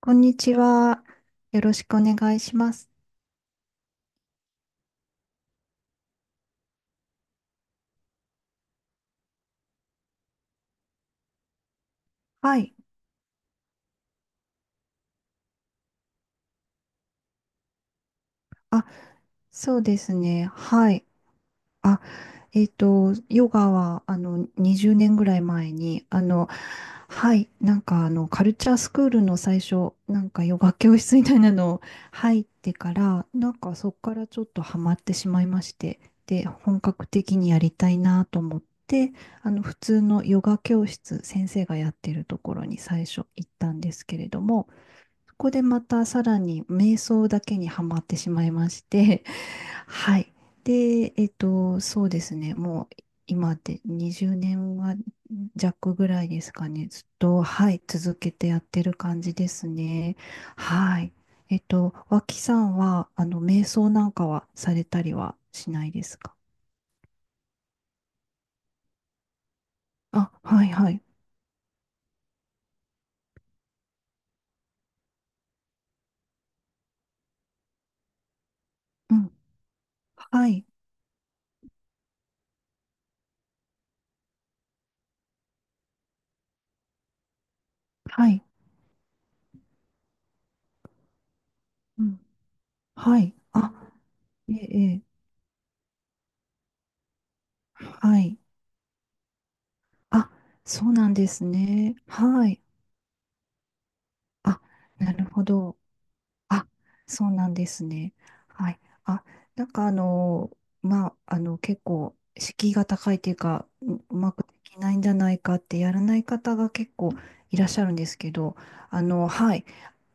こんにちは。よろしくお願いします。はい。あ、そうですね。はい。あ、ヨガは、20年ぐらい前に、はい。カルチャースクールの最初、なんか、ヨガ教室みたいなの入ってから、なんか、そこからちょっとハマってしまいまして、で、本格的にやりたいなと思って、普通のヨガ教室、先生がやってるところに最初行ったんですけれども、そこでまたさらに瞑想だけにはまってしまいまして、はい。で、そうですね、もう今で20年は弱ぐらいですかね、ずっと、はい、続けてやってる感じですね。はい。脇さんは、瞑想なんかはされたりはしないですか？あ、はい、はい。うん、はい、はい、うん、はい。あ、ええ、ええ、はい。あ、そうなんですね。はい。あ、なるほど。あ、そうなんですね。はい。あ、なんか結構、敷居が高いというか、うまくできないんじゃないかってやらない方が結構いらっしゃるんですけど、あの、はい。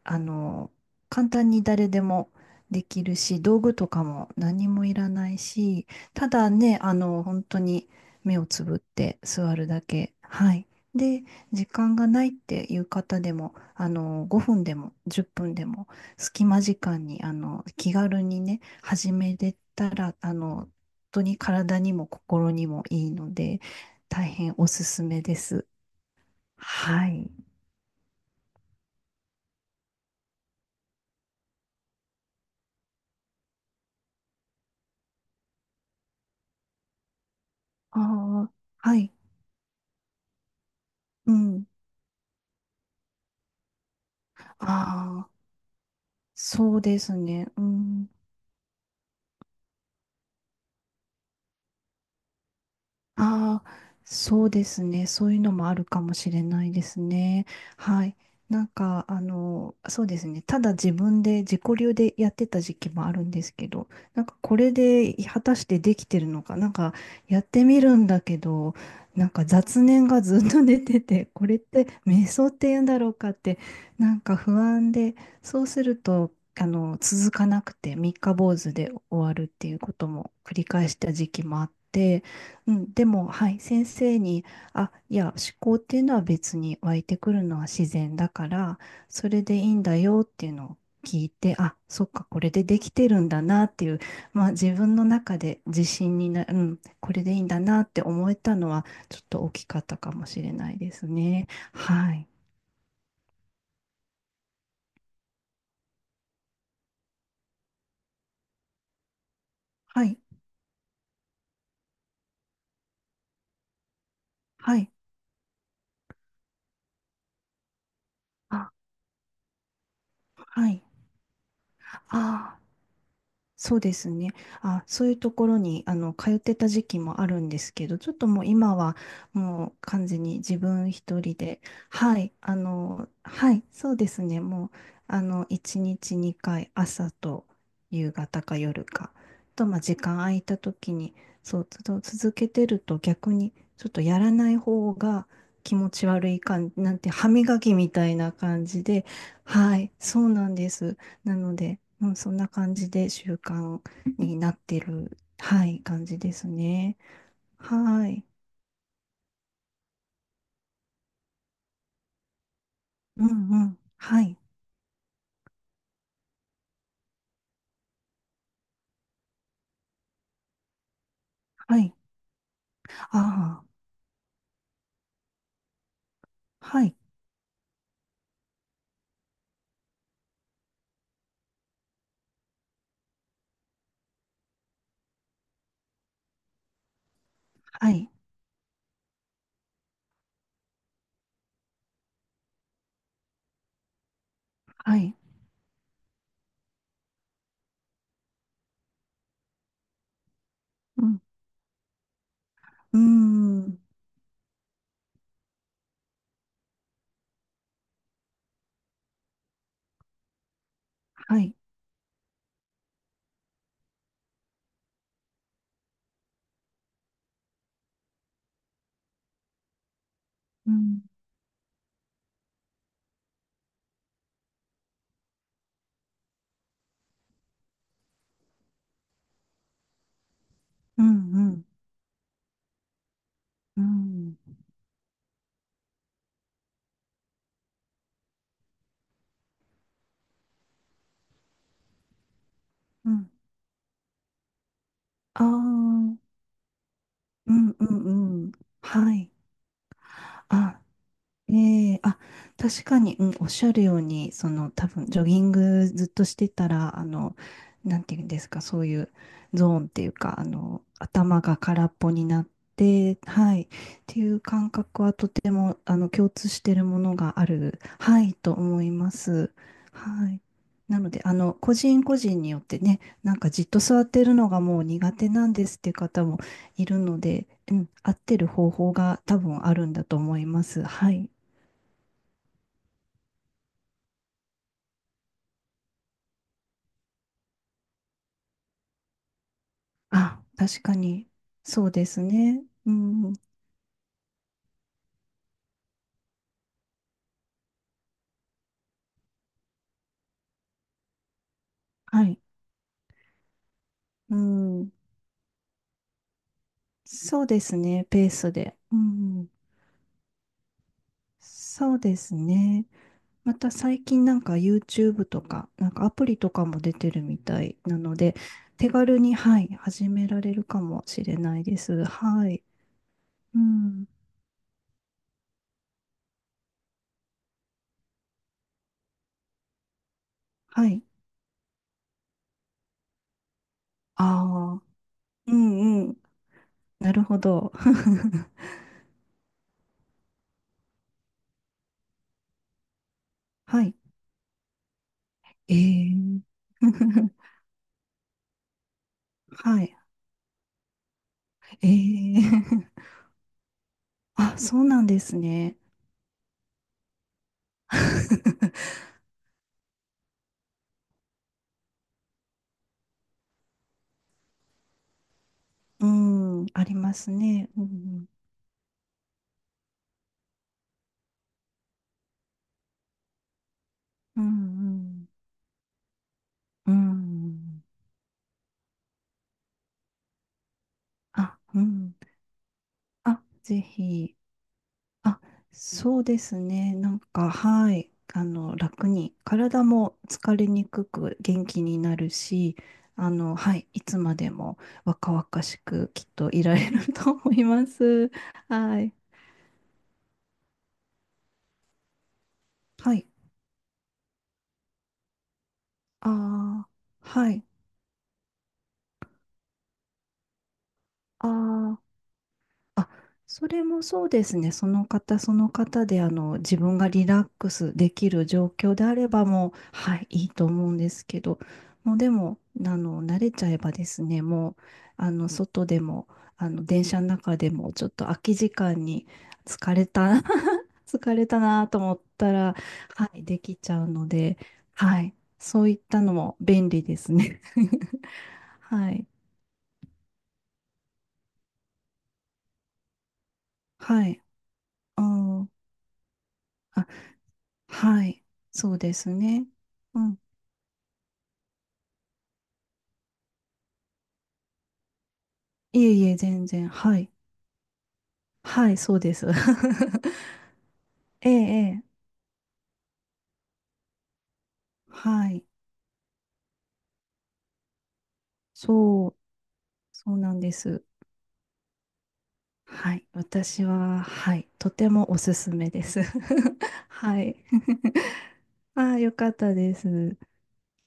あの、簡単に誰でもできるし、道具とかも何もいらないし、ただね、あの、本当に目をつぶって座るだけ。はい。で、時間がないっていう方でも、あの、5分でも10分でも、隙間時間に、あの、気軽にね、始めれたら、あの、本当に体にも心にもいいので、大変おすすめです。はい。ああ、はい。うん。ああ、そうですね。うん。ああ、そうですね。そういうのもあるかもしれないですね。はい。そうですね。ただ自分で自己流でやってた時期もあるんですけど、なんかこれで果たしてできてるのか、なんかやってみるんだけど、なんか雑念がずっと出てて、これって瞑想って言うんだろうかって、なんか不安で、そうすると、あの、続かなくて、三日坊主で終わるっていうことも繰り返した時期もあって、うん、でも、はい、先生に、あ、いや、思考っていうのは別に湧いてくるのは自然だから、それでいいんだよっていうのを聞いて、あ、そっか、これでできてるんだなっていう、まあ自分の中で自信にな、うん、これでいいんだなって思えたのは、ちょっと大きかったかもしれないですね。はい。はい。はい。あ、はい。ああ、そうですね。あ、そういうところにあの通ってた時期もあるんですけど、ちょっともう今はもう完全に自分一人で、はい、あの、はい、そうですね。もうあの1日2回、朝と夕方か夜か、とまあ時間空いた時に、続けてると逆にちょっとやらない方が気持ち悪い感じ、なんて歯磨きみたいな感じで、はい、そうなんです。なので、うん、そんな感じで習慣になってる、はい、感じですね。はい。うんうん。はい。はい。ああ。はい。はい。はい。うん。うーん。はい。うん。うんうん。うん。うん。ああ。うんうんうん。はい。あええ、確かに、うん、おっしゃるように、その、多分、ジョギングずっとしてたら、あの、なんていうんですか、そういうゾーンっていうか、あの、頭が空っぽになって、はい、っていう感覚はとても、あの、共通しているものがある、はい、と思います。はい。なので、あの、個人個人によってね、なんかじっと座ってるのがもう苦手なんですっていう方もいるので、うん、合ってる方法が多分あるんだと思います。はい。あ、確かに。そうですね。うん。はい。うん。そうですね。ペースで。うん。そうですね。また最近なんか YouTube とか、なんかアプリとかも出てるみたいなので、手軽に、はい、始められるかもしれないです。はい。うん。はい。ああ。うんうん。なるほど。はい。えー。はい。えー。あ、そうなんですね。うん、ありますね。うん、うん、うん、うん。あ、うん。あ、ぜひ。あ、そうですね。なんか、はい。あの、楽に、体も疲れにくく元気になるし、あの、はい。いつまでも若々しくきっといられると思います。はい。はい。ああ、はい。ああ。あ、それもそうですね。その方その方で、あの、自分がリラックスできる状況であればもう、はい、いいと思うんですけど、もうでも、あの、慣れちゃえばですね、もう、あの、外でも、あの、電車の中でも、ちょっと空き時間に疲れた、疲れたなと思ったら、はい、できちゃうので、はい、そういったのも便利ですね。はい、はい、うん。あ、はい。そうですね。うん。いえいえ、全然。はい。はい、そうです。ええ、ええ。はい。そう、そうなんです。はい。私は、はい。とてもおすすめです。はい。ああ、よかったです。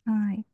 はい。